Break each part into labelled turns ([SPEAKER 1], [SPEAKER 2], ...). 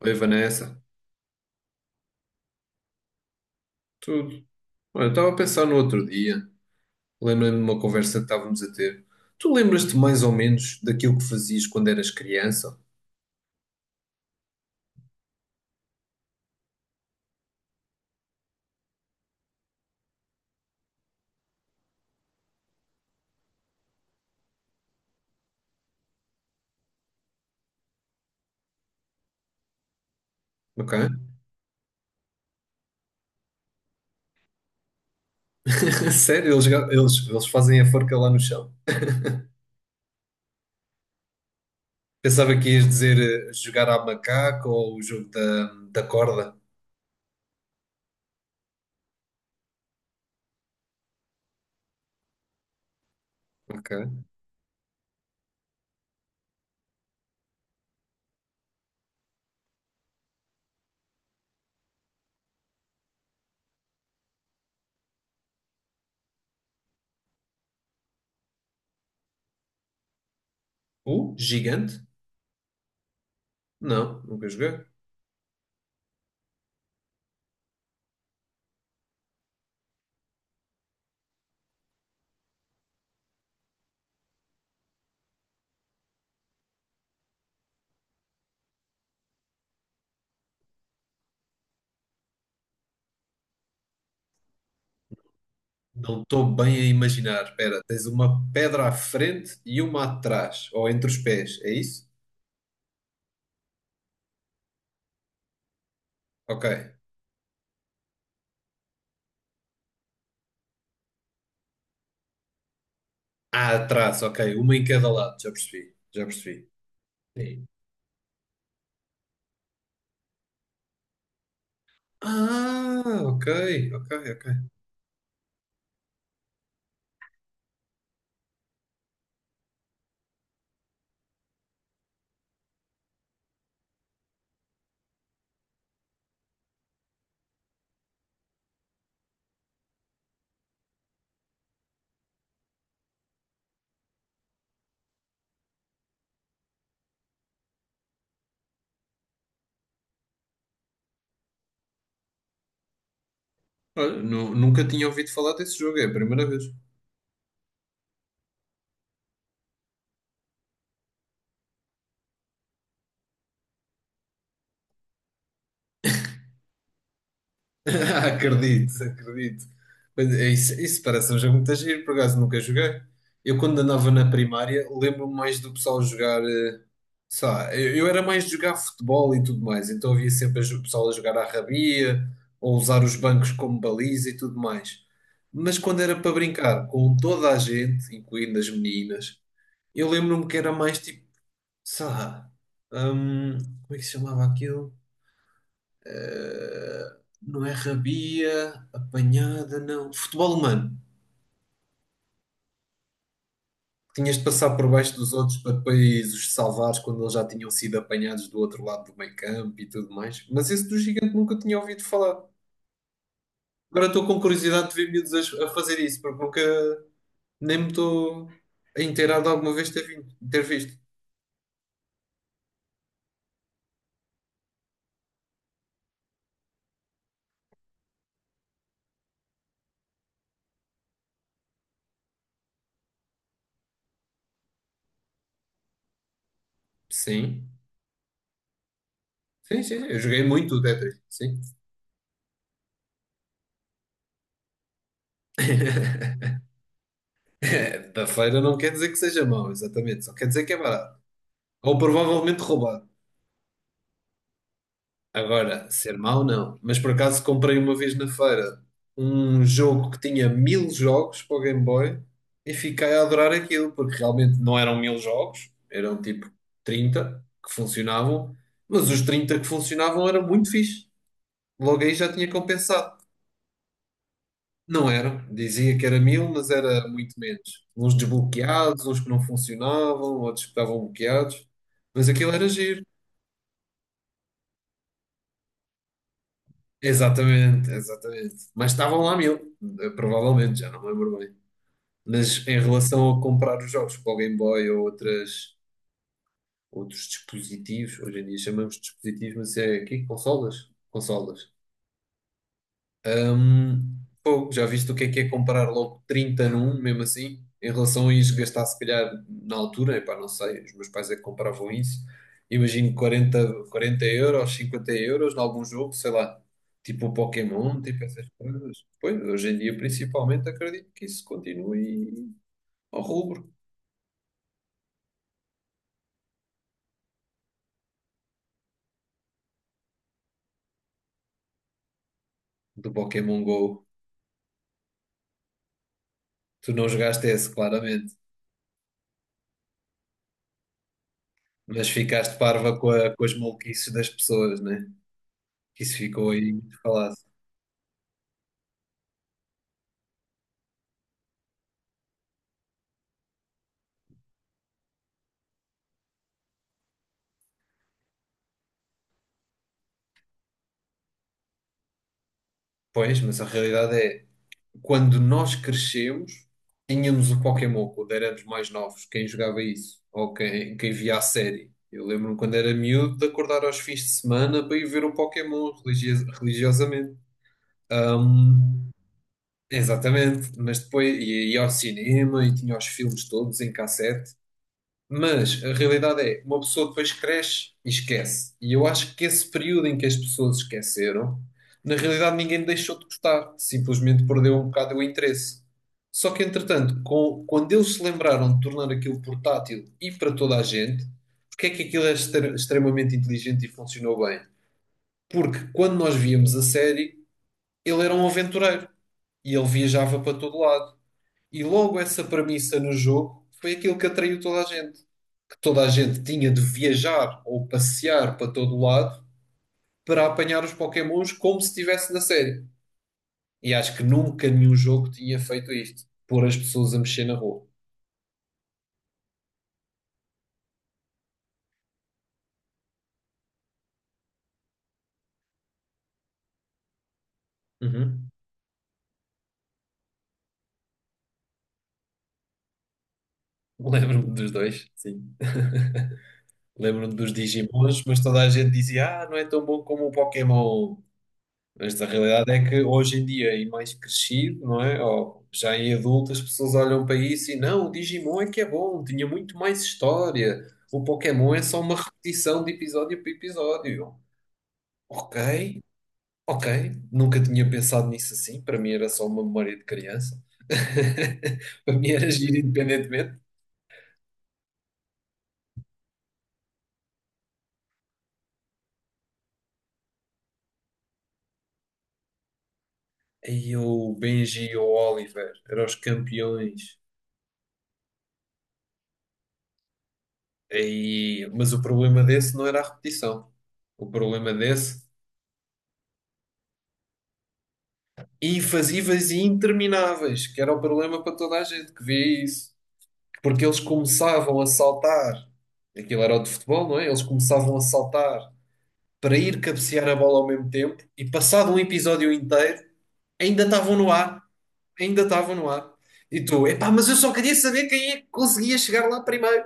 [SPEAKER 1] Oi, Vanessa. Tudo. Olha, eu estava a pensar no outro dia. Lembrei-me de uma conversa que estávamos a ter. Tu lembras-te mais ou menos daquilo que fazias quando eras criança? Ok? Sério, eles fazem a forca lá no chão. Pensava que ias dizer jogar à macaca ou o jogo da corda. Ok. O gigante? Não, nunca joguei. Não estou bem a imaginar. Espera, tens uma pedra à frente e uma atrás, ou entre os pés, é isso? Ok. Ah, atrás, ok. Uma em cada lado, já percebi, já percebi. Sim. Ah, ok, ok, ok. Olha, nunca tinha ouvido falar desse jogo, é a primeira vez. Acredito, acredito. Mas é isso, isso parece um jogo muito giro, por acaso nunca joguei. Eu quando andava na primária, lembro-me mais do pessoal jogar, sei lá, eu era mais de jogar futebol e tudo mais, então havia sempre o pessoal a jogar à rabia, ou usar os bancos como baliza e tudo mais. Mas quando era para brincar com toda a gente, incluindo as meninas, eu lembro-me que era mais tipo, sei lá, como é que se chamava aquilo? Ah, não é rabia, apanhada, não. Futebol humano. Tinhas de passar por baixo dos outros para depois os salvares quando eles já tinham sido apanhados do outro lado do meio campo e tudo mais. Mas esse do gigante nunca tinha ouvido falar. Agora estou com curiosidade de ver miúdos a fazer isso, porque nunca nem me estou a inteirar de alguma vez ter visto. Sim. Sim, sim, eu joguei muito o Tetris, sim. Da feira não quer dizer que seja mau, exatamente, só quer dizer que é barato. Ou provavelmente roubado. Agora, ser mau não. Mas por acaso comprei uma vez na feira um jogo que tinha mil jogos para o Game Boy e fiquei a adorar aquilo, porque realmente não eram mil jogos, eram tipo 30 que funcionavam, mas os 30 que funcionavam eram muito fixe. Logo aí já tinha compensado. Não eram, dizia que era mil, mas era muito menos. Uns desbloqueados, uns que não funcionavam, outros que estavam bloqueados, mas aquilo era giro. Exatamente, exatamente. Mas estavam lá mil, provavelmente, já não me lembro bem. Mas em relação a comprar os jogos para o Game Boy ou outros dispositivos, hoje em dia chamamos de dispositivos, mas é aqui, consolas? Consolas. Pô, já viste o que é comprar logo 30 num, mesmo assim? Em relação a isso, gastar se calhar na altura, epá, não sei, os meus pais é que compravam isso. Imagino 40, 40 euros, 50 € em algum jogo, sei lá, tipo o Pokémon, tipo essas coisas. Pois, hoje em dia, principalmente, acredito que isso continue ao rubro do Pokémon Go. Tu não jogaste esse, claramente, mas ficaste parva com, com as maluquices das pessoas, né? Que isso ficou aí muito falado. Pois, mas a realidade é, quando nós crescemos, tínhamos o Pokémon quando éramos mais novos, quem jogava isso, ou quem, quem via a série. Eu lembro-me quando era miúdo de acordar aos fins de semana para ir ver o Pokémon religiosamente. Ahm, exatamente, mas depois ia ao cinema e tinha os filmes todos em cassete. Mas a realidade é, uma pessoa depois cresce e esquece. E eu acho que esse período em que as pessoas esqueceram, na realidade ninguém deixou de gostar, simplesmente perdeu um bocado o interesse. Só que, entretanto, quando eles se lembraram de tornar aquilo portátil e para toda a gente, porque é que aquilo é extremamente inteligente e funcionou bem? Porque quando nós víamos a série, ele era um aventureiro e ele viajava para todo lado. E logo essa premissa no jogo foi aquilo que atraiu toda a gente. Que toda a gente tinha de viajar ou passear para todo lado para apanhar os Pokémons como se estivesse na série. E acho que nunca nenhum jogo tinha feito isto. Pôr as pessoas a mexer na rua. Uhum. Lembro-me dos dois, sim. Lembro-me dos Digimons, mas toda a gente dizia: ah, não é tão bom como o Pokémon. Mas a realidade é que hoje em dia, em mais crescido, não é? Ou já em adulto, as pessoas olham para isso e não, o Digimon é que é bom, tinha muito mais história. O Pokémon é só uma repetição de episódio para episódio. Ok, ok. Nunca tinha pensado nisso assim. Para mim era só uma memória de criança. Para mim era giro independentemente. Aí o Benji e o Oliver eram os campeões. Aí. Mas o problema desse não era a repetição. O problema desse. Invasivas e intermináveis, que era o problema para toda a gente que vê isso. Porque eles começavam a saltar, aquilo era o de futebol, não é? Eles começavam a saltar para ir cabecear a bola ao mesmo tempo e passado um episódio inteiro ainda estavam no ar, ainda estavam no ar. E tu, epá, mas eu só queria saber quem é que conseguia chegar lá primeiro.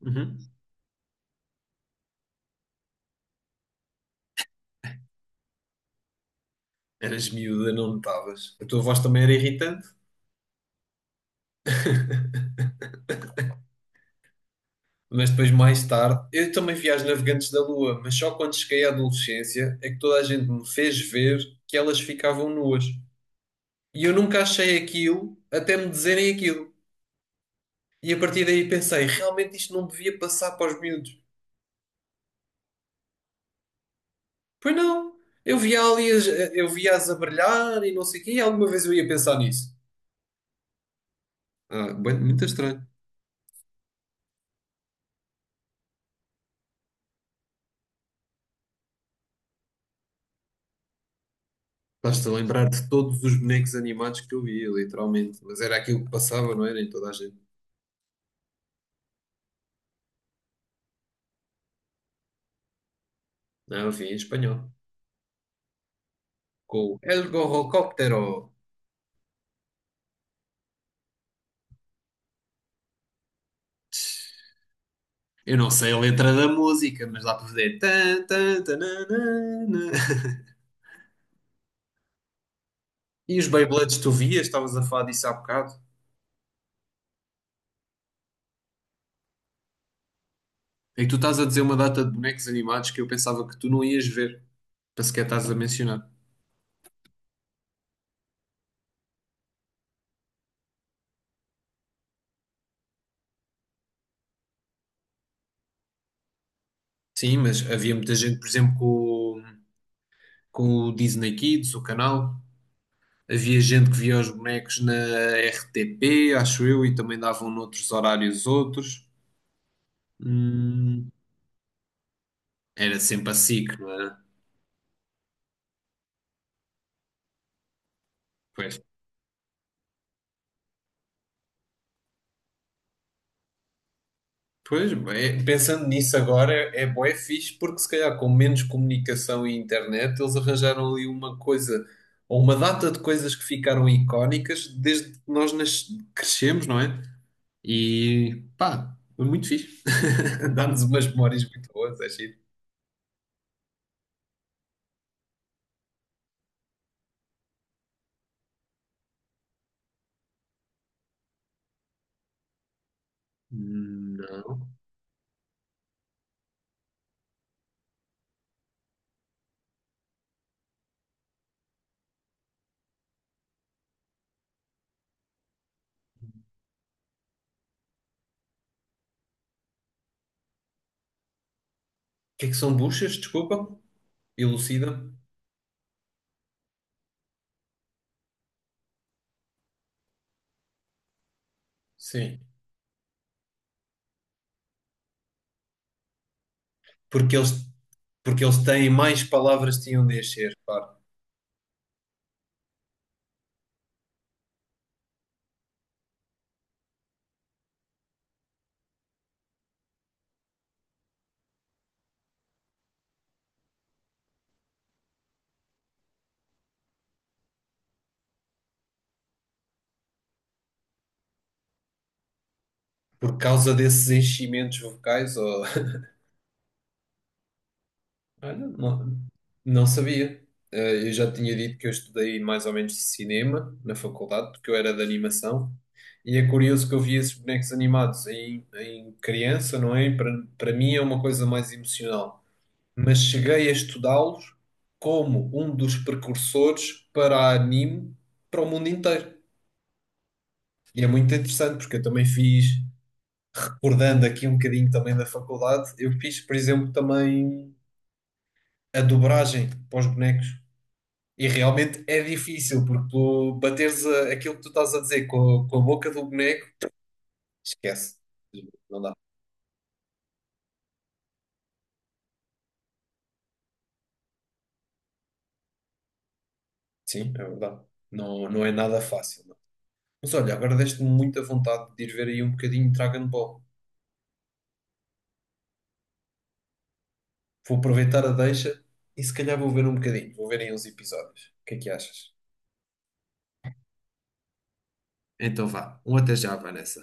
[SPEAKER 1] Uhum. Eras miúda, não notavas. A tua voz também era irritante. Mas depois, mais tarde, eu também vi As Navegantes da Lua, mas só quando cheguei à adolescência é que toda a gente me fez ver que elas ficavam nuas. E eu nunca achei aquilo até me dizerem aquilo. E a partir daí pensei, realmente isto não devia passar para os miúdos. Pois não, eu via ali, eu via-as a brilhar e não sei o quê, e alguma vez eu ia pensar nisso. Ah, bem, muito estranho. Estás-te a lembrar de todos os bonecos animados que eu via, literalmente. Mas era aquilo que passava, não era em toda a gente. Não, eu via em espanhol. Com o El Gorrocóptero. Eu não sei a letra da música, mas dá para fazer. Tan, tan, tananana. E os Beyblades tu vias? Estavas a falar disso há bocado? É que tu estás a dizer uma data de bonecos animados que eu pensava que tu não ias ver, para sequer estás a mencionar. Sim, mas havia muita gente, por exemplo, com, com o Disney Kids, o canal. Havia gente que via os bonecos na RTP, acho eu, e também davam noutros horários outros. Hum, era sempre a SIC, não era? Pois. Pois, bem, pensando nisso agora, é bué fixe, porque se calhar com menos comunicação e internet, eles arranjaram ali uma coisa, ou uma data de coisas que ficaram icónicas desde que nós crescemos, não é? E pá, foi muito fixe. Dá-nos umas memórias muito boas, é giro. Não. O que é que são buchas? Desculpa, elucida. Sim. Porque eles, porque eles têm mais palavras que tinham de encher, claro. Por causa desses enchimentos vocais, ou. Olha, não, não sabia. Eu já tinha dito que eu estudei mais ou menos cinema na faculdade, porque eu era de animação. E é curioso que eu vi esses bonecos animados em criança, não é? Para mim é uma coisa mais emocional. Mas cheguei a estudá-los como um dos precursores para a anime para o mundo inteiro. E é muito interessante, porque eu também fiz, recordando aqui um bocadinho também da faculdade, eu fiz, por exemplo, também a dobragem para os bonecos. E realmente é difícil, porque tu bateres aquilo que tu estás a dizer com, com a boca do boneco, esquece. Não dá. Sim, é verdade. Não, não é nada fácil, não. Mas olha, agora deste-me muita vontade de ir ver aí um bocadinho de Dragon Ball. Vou aproveitar a deixa e se calhar vou ver um bocadinho. Vou ver aí uns episódios. O que é que achas? Então vá. Um até já, Vanessa.